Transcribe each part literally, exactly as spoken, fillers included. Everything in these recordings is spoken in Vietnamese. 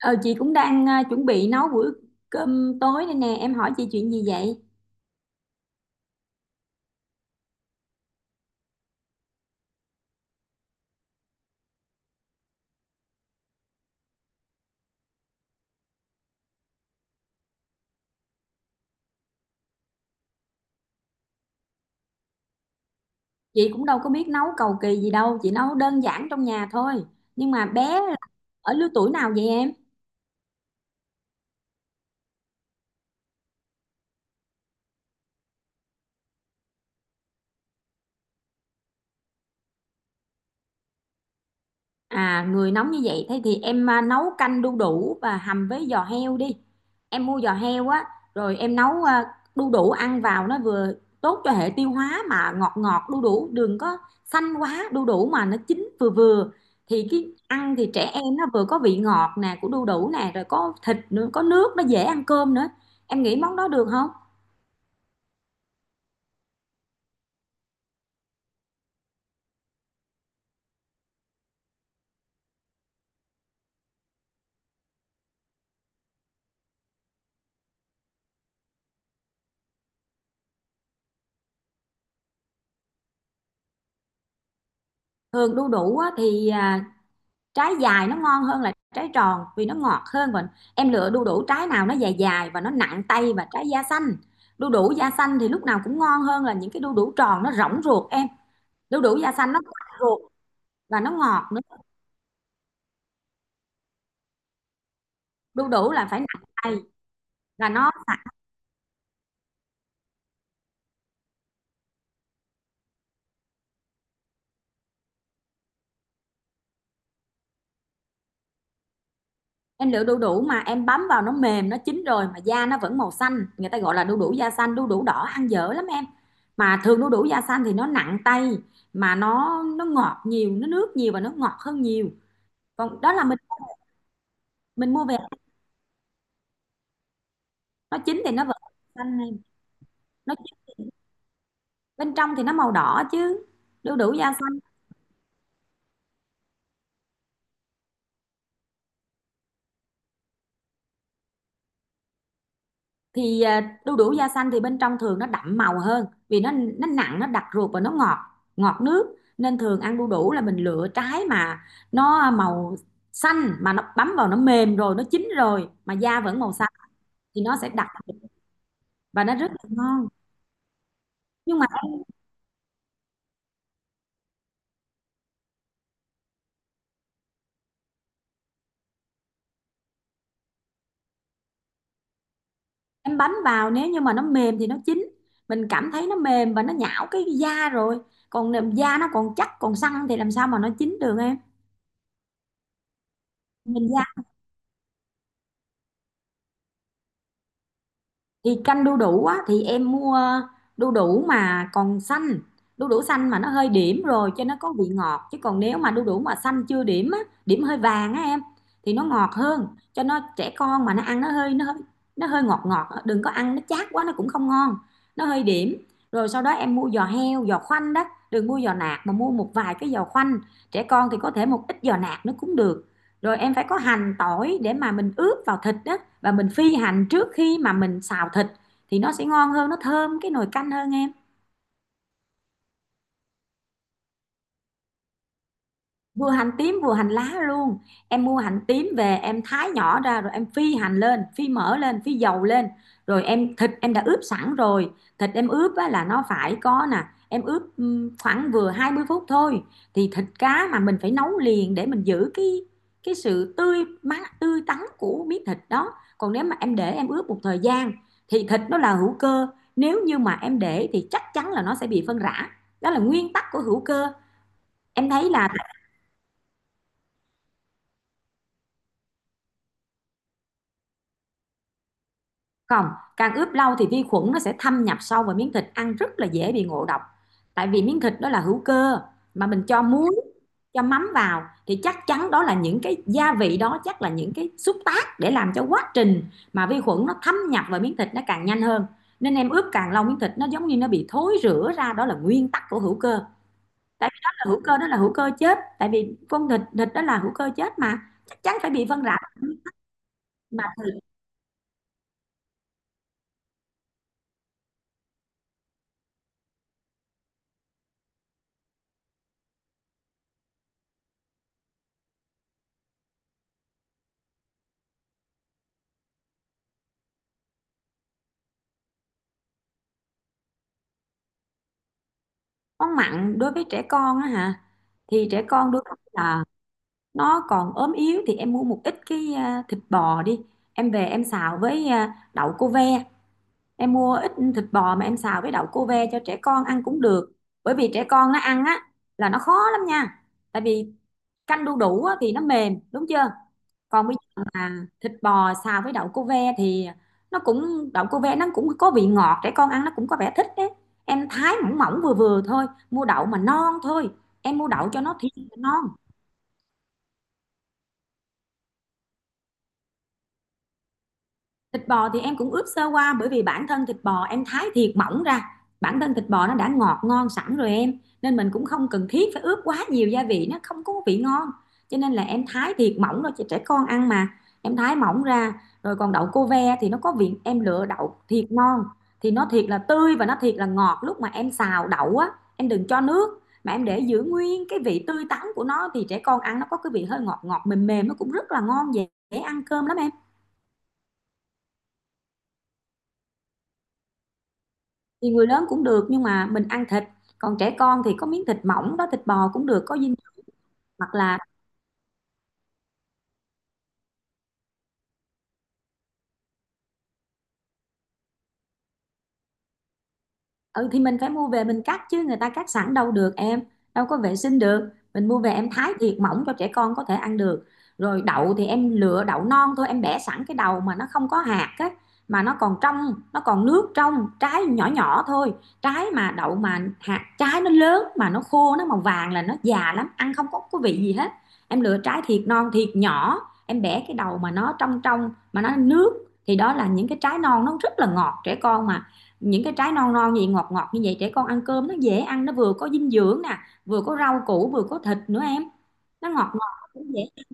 Ờ, chị cũng đang à, chuẩn bị nấu bữa cơm tối đây nè, em hỏi chị chuyện gì vậy? Chị cũng đâu có biết nấu cầu kỳ gì đâu, chị nấu đơn giản trong nhà thôi. Nhưng mà bé ở lứa tuổi nào vậy em? À, người nóng như vậy thế thì em à, nấu canh đu đủ và hầm với giò heo đi. Em mua giò heo á, rồi em nấu à, đu đủ ăn vào nó vừa tốt cho hệ tiêu hóa, mà ngọt ngọt, đu đủ đừng có xanh quá, đu đủ mà nó chín vừa vừa thì cái ăn thì trẻ em nó vừa có vị ngọt nè của đu đủ nè, rồi có thịt nữa, có nước nó dễ ăn cơm nữa, em nghĩ món đó được không? Thường đu đủ á, thì à, trái dài nó ngon hơn là trái tròn vì nó ngọt hơn, và em lựa đu đủ trái nào nó dài dài và nó nặng tay và trái da xanh. Đu đủ da xanh thì lúc nào cũng ngon hơn là những cái đu đủ tròn nó rỗng ruột em. Đu đủ da xanh nó mặn ruột và nó ngọt nữa. Đu đủ là phải nặng tay. Và nó Em lựa đu đủ mà em bấm vào nó mềm, nó chín rồi mà da nó vẫn màu xanh, người ta gọi là đu đủ da xanh, đu đủ đỏ ăn dở lắm em. Mà thường đu đủ da xanh thì nó nặng tay, mà nó nó ngọt nhiều, nó nước nhiều và nó ngọt hơn nhiều. Còn đó là mình mình mua về nó chín thì nó vẫn xanh này, nó chín bên trong thì nó màu đỏ chứ. đu đủ da xanh thì à, Đu đủ da xanh thì bên trong thường nó đậm màu hơn, vì nó nó nặng, nó đặc ruột và nó ngọt, ngọt nước, nên thường ăn đu đủ là mình lựa trái mà nó màu xanh, mà nó bấm vào nó mềm rồi, nó chín rồi mà da vẫn màu xanh thì nó sẽ đặc và nó rất là ngon. Nhưng mà em bấm vào nếu như mà nó mềm thì nó chín, mình cảm thấy nó mềm và nó nhão cái da rồi, còn da nó còn chắc còn săn thì làm sao mà nó chín được em. Mình ra Thì canh đu đủ á thì em mua đu đủ mà còn xanh, đu đủ xanh mà nó hơi điểm rồi cho nó có vị ngọt, chứ còn nếu mà đu đủ mà xanh chưa điểm á, điểm hơi vàng á em thì nó ngọt hơn, cho nó trẻ con mà nó ăn, nó hơi nó hơi nó hơi ngọt ngọt á. Đừng có ăn nó chát quá nó cũng không ngon, nó hơi điểm rồi sau đó em mua giò heo, giò khoanh đó, đừng mua giò nạc mà mua một vài cái giò khoanh, trẻ con thì có thể một ít giò nạc nó cũng được. Rồi em phải có hành tỏi để mà mình ướp vào thịt đó, và mình phi hành trước khi mà mình xào thịt thì nó sẽ ngon hơn, nó thơm cái nồi canh hơn em. Vừa hành tím vừa hành lá luôn, em mua hành tím về em thái nhỏ ra rồi em phi hành lên, phi mỡ lên, phi dầu lên, rồi em thịt em đã ướp sẵn rồi. Thịt em ướp á, là nó phải có nè. Em ướp ừm, khoảng vừa hai mươi phút thôi. Thì thịt cá mà mình phải nấu liền để mình giữ cái cái sự tươi mát tươi tắn của miếng thịt đó, còn nếu mà em để em ướp một thời gian thì thịt nó là hữu cơ, nếu như mà em để thì chắc chắn là nó sẽ bị phân rã, đó là nguyên tắc của hữu cơ. Em thấy là Không, càng ướp lâu thì vi khuẩn nó sẽ thâm nhập sâu vào miếng thịt, ăn rất là dễ bị ngộ độc. Tại vì miếng thịt đó là hữu cơ, mà mình cho muối, cho mắm vào thì chắc chắn đó là những cái gia vị đó, chắc là những cái xúc tác để làm cho quá trình mà vi khuẩn nó thâm nhập vào miếng thịt nó càng nhanh hơn. Nên em ướp càng lâu miếng thịt nó giống như nó bị thối rữa ra, đó là nguyên tắc của hữu cơ. Tại vì đó là hữu cơ đó là hữu cơ chết, tại vì con thịt thịt đó là hữu cơ chết mà chắc chắn phải bị phân rã. Mà món mặn đối với trẻ con á hả, thì trẻ con đôi khi là nó còn ốm yếu thì em mua một ít cái à, thịt bò đi, em về em xào với à, đậu cô ve. Em mua ít thịt bò mà em xào với đậu cô ve cho trẻ con ăn cũng được, bởi vì trẻ con nó ăn á là nó khó lắm nha. Tại vì canh đu đủ á, thì nó mềm đúng chưa, còn bây giờ mà thịt bò xào với đậu cô ve thì nó cũng đậu cô ve nó cũng có vị ngọt, trẻ con ăn nó cũng có vẻ thích đấy. Em thái mỏng mỏng vừa vừa thôi, mua đậu mà non thôi, em mua đậu cho nó thiệt là non. Thịt bò thì em cũng ướp sơ qua, bởi vì bản thân thịt bò em thái thiệt mỏng ra. Bản thân thịt bò nó đã ngọt ngon sẵn rồi em. Nên mình cũng không cần thiết phải ướp quá nhiều gia vị, nó không có vị ngon. Cho nên là em thái thiệt mỏng rồi cho trẻ con ăn mà. Em thái mỏng ra rồi, còn đậu cô ve thì nó có vị, em lựa đậu thiệt ngon thì nó thiệt là tươi và nó thiệt là ngọt. Lúc mà em xào đậu á, em đừng cho nước mà em để giữ nguyên cái vị tươi tắn của nó, thì trẻ con ăn nó có cái vị hơi ngọt ngọt mềm mềm, nó cũng rất là ngon, dễ ăn cơm lắm em. Thì người lớn cũng được nhưng mà mình ăn thịt, còn trẻ con thì có miếng thịt mỏng đó, thịt bò cũng được, có dinh. Hoặc là ừ thì mình phải mua về mình cắt chứ người ta cắt sẵn đâu được em, đâu có vệ sinh được, mình mua về em thái thiệt mỏng cho trẻ con có thể ăn được. Rồi đậu thì em lựa đậu non thôi, em bẻ sẵn cái đầu mà nó không có hạt á, mà nó còn trong, nó còn nước, trong trái nhỏ nhỏ thôi. Trái mà đậu mà hạt trái nó lớn mà nó khô, nó màu vàng là nó già lắm, ăn không có có vị gì hết. Em lựa trái thiệt non thiệt nhỏ, em bẻ cái đầu mà nó trong trong mà nó nước, thì đó là những cái trái non nó rất là ngọt. Trẻ con mà những cái trái non non gì ngọt ngọt như vậy, trẻ con ăn cơm nó dễ ăn, nó vừa có dinh dưỡng nè, vừa có rau củ, vừa có thịt nữa em, nó ngọt ngọt cũng dễ.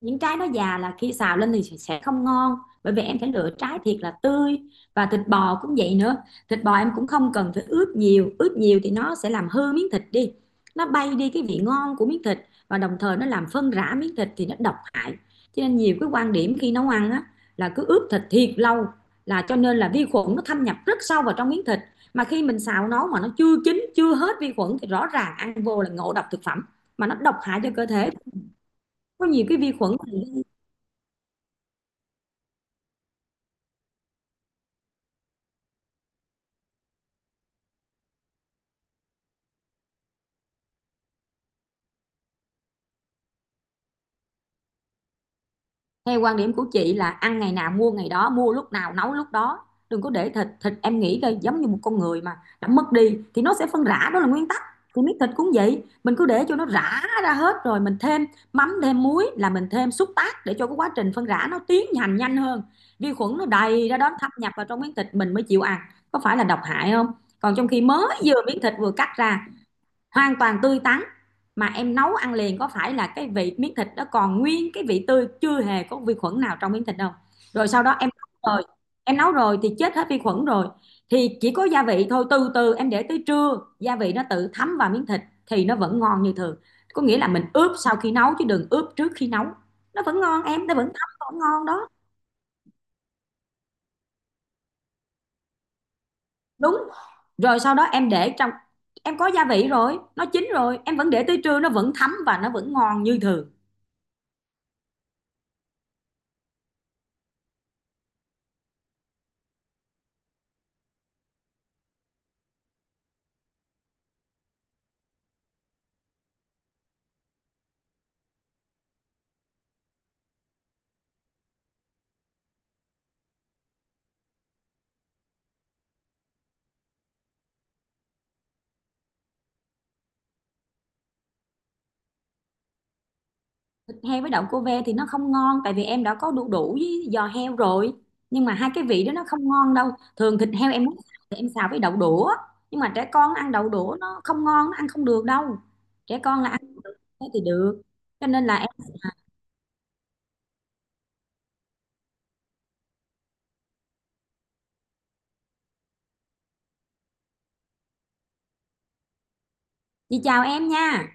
Những trái nó già là khi xào lên thì sẽ không ngon, bởi vì em phải lựa trái thiệt là tươi. Và thịt bò cũng vậy nữa, thịt bò em cũng không cần phải ướp nhiều, ướp nhiều thì nó sẽ làm hư miếng thịt đi, nó bay đi cái vị ngon của miếng thịt, và đồng thời nó làm phân rã miếng thịt thì nó độc hại. Cho nên nhiều cái quan điểm khi nấu ăn á là cứ ướp thịt thiệt lâu, là cho nên là vi khuẩn nó thâm nhập rất sâu vào trong miếng thịt, mà khi mình xào nấu mà nó chưa chín chưa hết vi khuẩn thì rõ ràng ăn vô là ngộ độc thực phẩm, mà nó độc hại cho cơ thể. Có nhiều cái vi khuẩn thì... Theo quan điểm của chị là ăn ngày nào mua ngày đó, mua lúc nào nấu lúc đó. Đừng có để thịt, thịt em nghĩ coi giống như một con người mà đã mất đi thì nó sẽ phân rã, đó là nguyên tắc. Thì miếng thịt cũng vậy, mình cứ để cho nó rã ra hết rồi mình thêm mắm thêm muối là mình thêm xúc tác để cho cái quá trình phân rã nó tiến hành nhanh hơn. Vi khuẩn nó đầy ra đó thâm nhập vào trong miếng thịt mình mới chịu ăn. Có phải là độc hại không? Còn trong khi mới vừa miếng thịt vừa cắt ra hoàn toàn tươi tắn, mà em nấu ăn liền có phải là cái vị miếng thịt đó còn nguyên cái vị tươi, chưa hề có vi khuẩn nào trong miếng thịt đâu. Rồi sau đó em nấu rồi, em nấu rồi thì chết hết vi khuẩn rồi, thì chỉ có gia vị thôi, từ từ em để tới trưa gia vị nó tự thấm vào miếng thịt thì nó vẫn ngon như thường. Có nghĩa là mình ướp sau khi nấu chứ đừng ướp trước khi nấu, nó vẫn ngon em, nó vẫn thấm vẫn ngon đó. Đúng rồi, sau đó em để trong, em có gia vị rồi nó chín rồi, em vẫn để tới trưa nó vẫn thấm và nó vẫn ngon như thường. Thịt heo với đậu cô ve thì nó không ngon, tại vì em đã có đu đủ với giò heo rồi, nhưng mà hai cái vị đó nó không ngon đâu. Thường thịt heo em muốn xào thì em xào với đậu đũa, nhưng mà trẻ con ăn đậu đũa nó không ngon, nó ăn không được đâu. Trẻ con là ăn thế thì được, cho nên là em... Chị chào em nha.